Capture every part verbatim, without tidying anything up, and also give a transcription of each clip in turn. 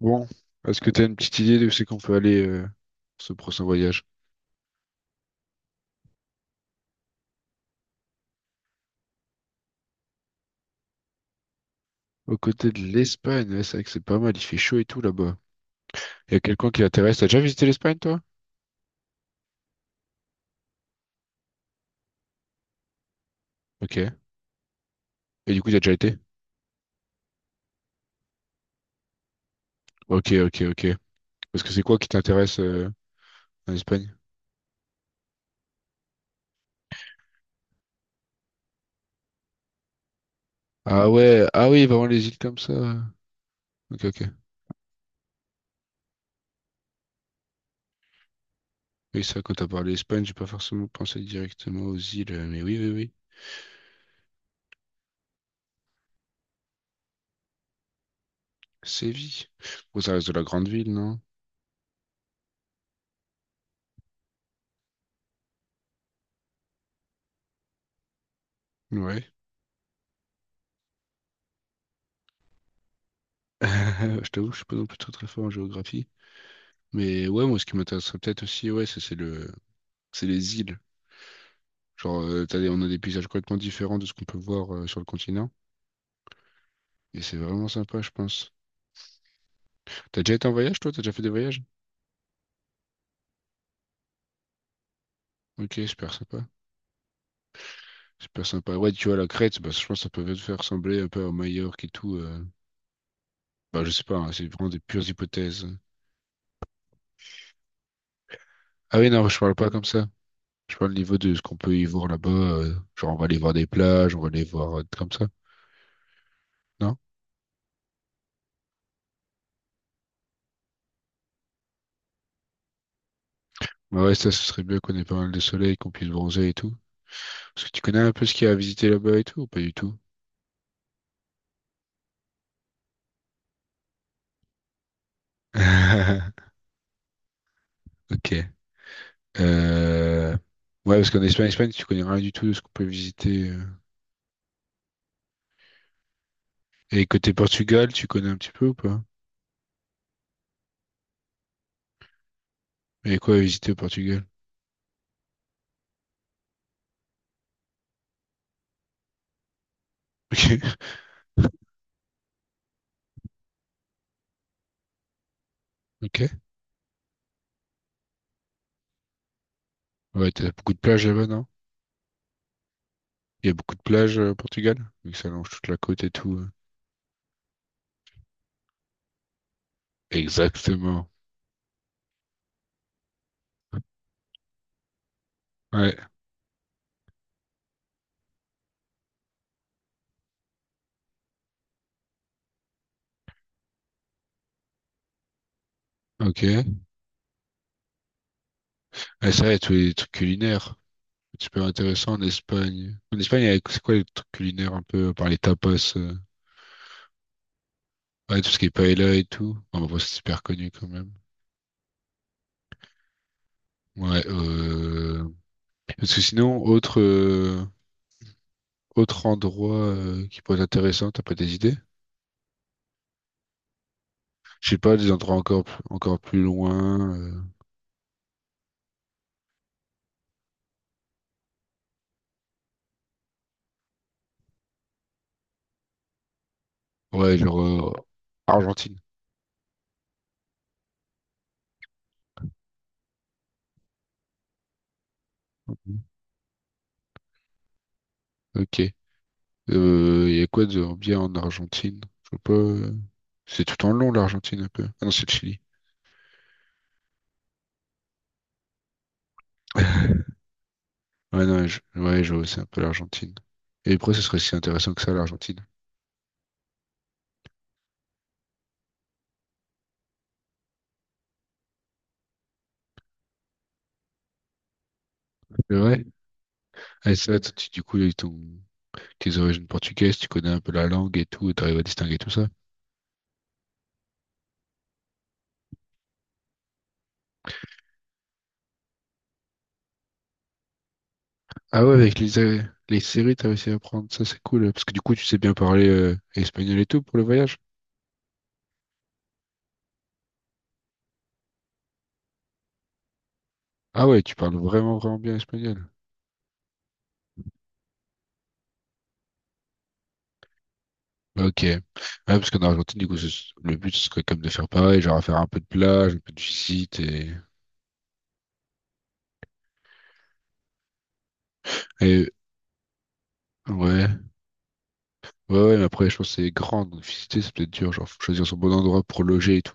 Bon, est-ce que tu as une petite idée de où c'est qu'on peut aller euh, pour ce prochain voyage? Aux côtés de l'Espagne, ouais, c'est vrai que c'est pas mal, il fait chaud et tout là-bas. Il y a quelqu'un qui t'intéresse. T'as déjà visité l'Espagne, toi? Ok. Et du coup, t'as déjà été? Ok, ok, ok. Parce que c'est quoi qui t'intéresse euh, en Espagne? Ah ouais, ah oui, vraiment les îles comme ça. Ok, ok. Oui, ça, quand t'as parlé Espagne, j'ai pas forcément pensé directement aux îles, euh, mais oui, oui, oui. Séville. Bon, ça reste de la grande ville, non? Ouais. Je t'avoue, je suis pas non plus très très fort en géographie. Mais ouais, moi, ce qui m'intéresserait peut-être aussi, ouais, c'est c'est le, c'est les îles. Genre, euh, t'as des- on a des paysages complètement différents de ce qu'on peut voir euh, sur le continent. Et c'est vraiment sympa, je pense. T'as déjà été en voyage, toi? T'as déjà fait des voyages? Ok, super sympa. Super sympa. Ouais, tu vois, la Crète, bah, je pense que ça peut te faire ressembler un peu à Majorque et tout. euh. Bah, je sais pas, hein, c'est vraiment des pures hypothèses. Ah oui, non, je parle pas comme ça. Je parle au niveau de ce qu'on peut y voir là-bas. euh, genre, on va aller voir des plages, on va aller voir euh, comme ça. Non? Bah ouais, ça, ce serait bien qu'on ait pas mal de soleil, qu'on puisse bronzer et tout. Parce que tu connais un peu ce qu'il y a à visiter là-bas et tout ou pas du tout? Ok. Euh, Ouais, parce qu'en Espagne, Espagne, tu connais rien du tout de ce qu'on peut visiter. euh. Et côté Portugal, tu connais un petit peu ou pas? Il y a quoi à visiter au Portugal? Ok. Ok. Ouais, t'as beaucoup de plages là-bas, non? Il y a beaucoup de plages euh, au Portugal? Vu que ça longe toute la côte et tout. euh. Exactement. Ouais, ok. Ah, c'est vrai, tous les trucs culinaires. Super intéressant en Espagne. En Espagne, il y a- c'est quoi les trucs culinaires un peu, par les tapas? euh Ouais, tout ce qui est paella et tout. Enfin, bon, c'est super connu quand même. Ouais, euh... Parce que sinon, autre, euh, autre endroit euh, qui pourrait être intéressant, t'as pas des idées? Je sais pas, des endroits encore, plus- encore plus loin. euh, Ouais, genre euh, Argentine. Ok. Euh, y a quoi de bien en Argentine? Je sais pas. euh, C'est tout en long l'Argentine un peu. Ah non, c'est le Chili. Ouais, non, je, ouais, je vois, c'est un peu l'Argentine. Et pourquoi ce serait si intéressant que ça, l'Argentine? C'est vrai? Ah, c'est vrai, toi, tu- du coup, ils t'ont tes origines portugaises, tu connais un peu la langue et tout, et t'arrives à distinguer tout ça. Ah ouais, avec les, euh, les séries, t'as réussi à apprendre, ça c'est cool, parce que du coup, tu sais bien parler euh, espagnol et tout pour le voyage. Ah ouais, tu parles vraiment, vraiment bien espagnol. Bah, ok. Ouais, parce qu'en Argentine, du coup, ce- le but, ce serait comme de faire pareil, genre à faire un peu de plage, un peu de visite et... et ouais. Ouais, ouais, mais après, je pense que c'est grand, donc visiter, c'est peut-être dur, genre, faut choisir son bon endroit pour loger et tout.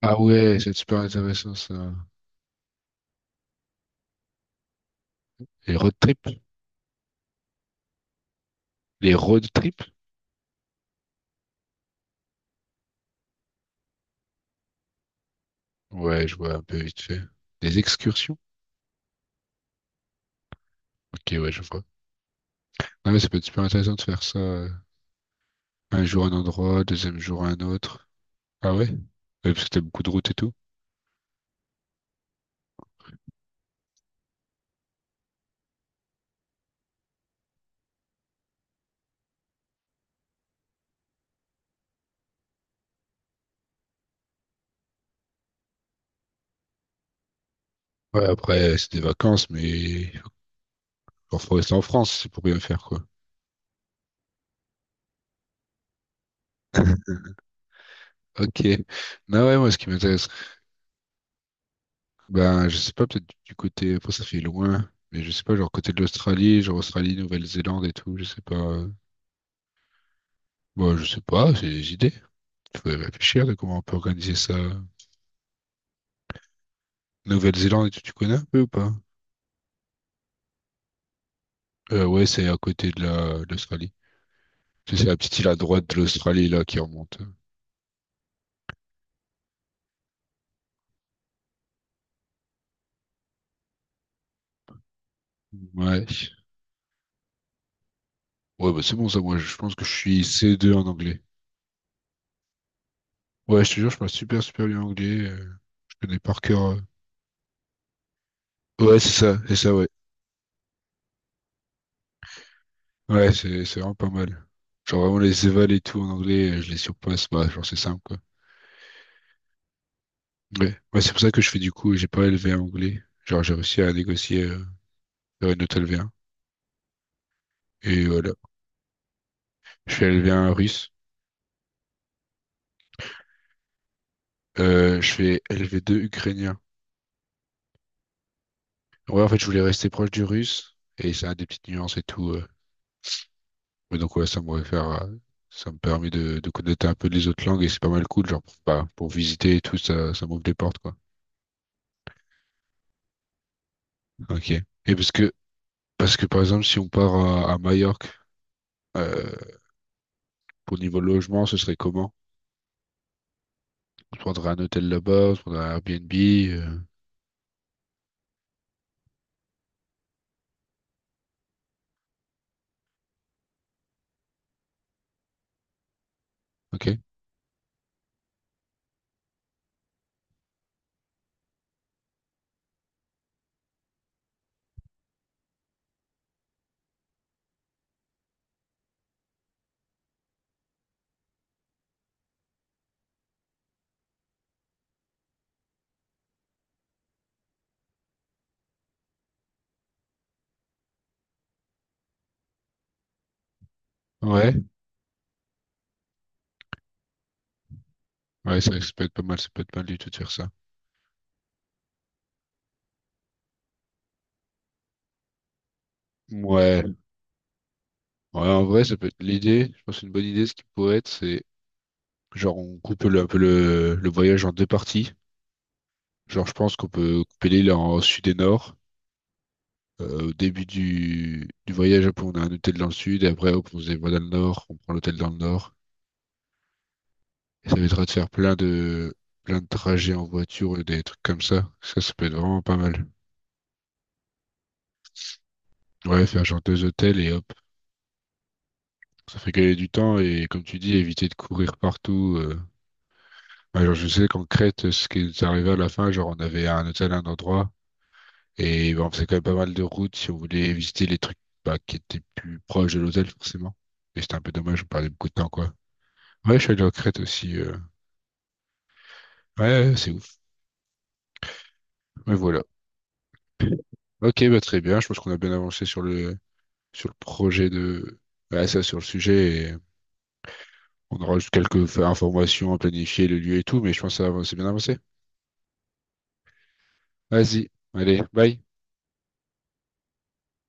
Ah ouais, c'est super intéressant, ça. Les road trips? Les road trips? Ouais, je vois un peu vite fait. Des excursions? Ok, ouais, je vois. Non mais ça peut être super intéressant de faire ça. euh, Un jour un endroit, deuxième jour un autre. Ah ouais? Ouais, parce que t'as beaucoup de routes et tout. Ouais, après, c'est des vacances, mais il faut rester en France, c'est pour bien faire, quoi. Ok. Non, ouais, moi, ce qui m'intéresse ben, je sais pas, peut-être du côté, après ça fait loin, mais je sais pas, genre côté de l'Australie, genre Australie, Nouvelle-Zélande et tout, je sais pas. euh. Bon, je sais pas, c'est des idées. Il faudrait réfléchir de comment on peut organiser ça. Nouvelle-Zélande et tout, tu connais un peu ou pas? Euh, ouais, c'est à côté de la, de l'Australie. Tu sais, c'est la petite île à droite de l'Australie, là, qui remonte. Ouais. Ouais, bah c'est bon ça, moi, je pense que je suis C deux en anglais. Ouais, je te jure, je parle super, super bien anglais. euh, Je connais par cœur. euh. Ouais, c'est ça, c'est ça, ouais. Ouais, c'est c'est vraiment pas mal. Genre vraiment les évals et tout en anglais, euh, je les surpasse, bah genre c'est simple quoi. Ouais, ouais c'est pour ça que je fais du coup, j'ai pas élevé un anglais. Genre j'ai réussi à négocier euh, faire une note L V un. Et voilà. Je fais L V un russe, euh, je fais L V deux ukrainien. Ouais en fait je voulais rester proche du russe et ça a des petites nuances et tout. euh. Mais donc ouais ça m'aurait fait euh, ça me permet de, de connaître un peu les autres langues et c'est pas mal cool, genre pour, bah, pour visiter et tout, ça, ça m'ouvre des portes quoi. Ok. Et parce que parce que par exemple si on part à, à Majorque, Euh, pour niveau logement, ce serait comment? On se prendrait un hôtel là-bas, on se prendrait un Airbnb. euh, Ok? Ouais. Ouais, ça, ça peut être pas mal, ça peut être pas mal du tout de faire ça. Ouais. Ouais, en vrai, ça peut être l'idée. Je pense qu'une bonne idée, ce qui pourrait être, c'est genre on coupe le, un peu le, le voyage en deux parties. Genre, je pense qu'on peut couper l'île en sud et nord. Euh, au début du, du voyage, hop, on a un hôtel dans le sud, et après, hop, on se dévoile dans le nord, on prend l'hôtel dans le nord. Et ça évitera de faire plein de, plein de trajets en voiture et des trucs comme ça. Ça, ça peut être vraiment pas mal. Ouais, faire genre deux hôtels et hop. Ça fait gagner du temps et comme tu dis, éviter de courir partout. euh. Ouais, genre, je sais qu'en Crète, ce qui nous arrivait à la fin, genre on avait un hôtel à un endroit et bah, on faisait quand même pas mal de routes si on voulait visiter les trucs bah, qui étaient plus proches de l'hôtel forcément. Et c'était un peu dommage, on perdait beaucoup de temps quoi. Ouais, je suis allé en Crète aussi. euh. Ouais, ouais, c'est ouf. Mais voilà. Ok, bah très bien. Je pense qu'on a bien avancé sur le sur le projet de, ouais, ça, sur le sujet. Et on aura juste quelques informations à planifier, le lieu et tout, mais je pense que ça va- c'est bien avancé. Vas-y, allez, bye.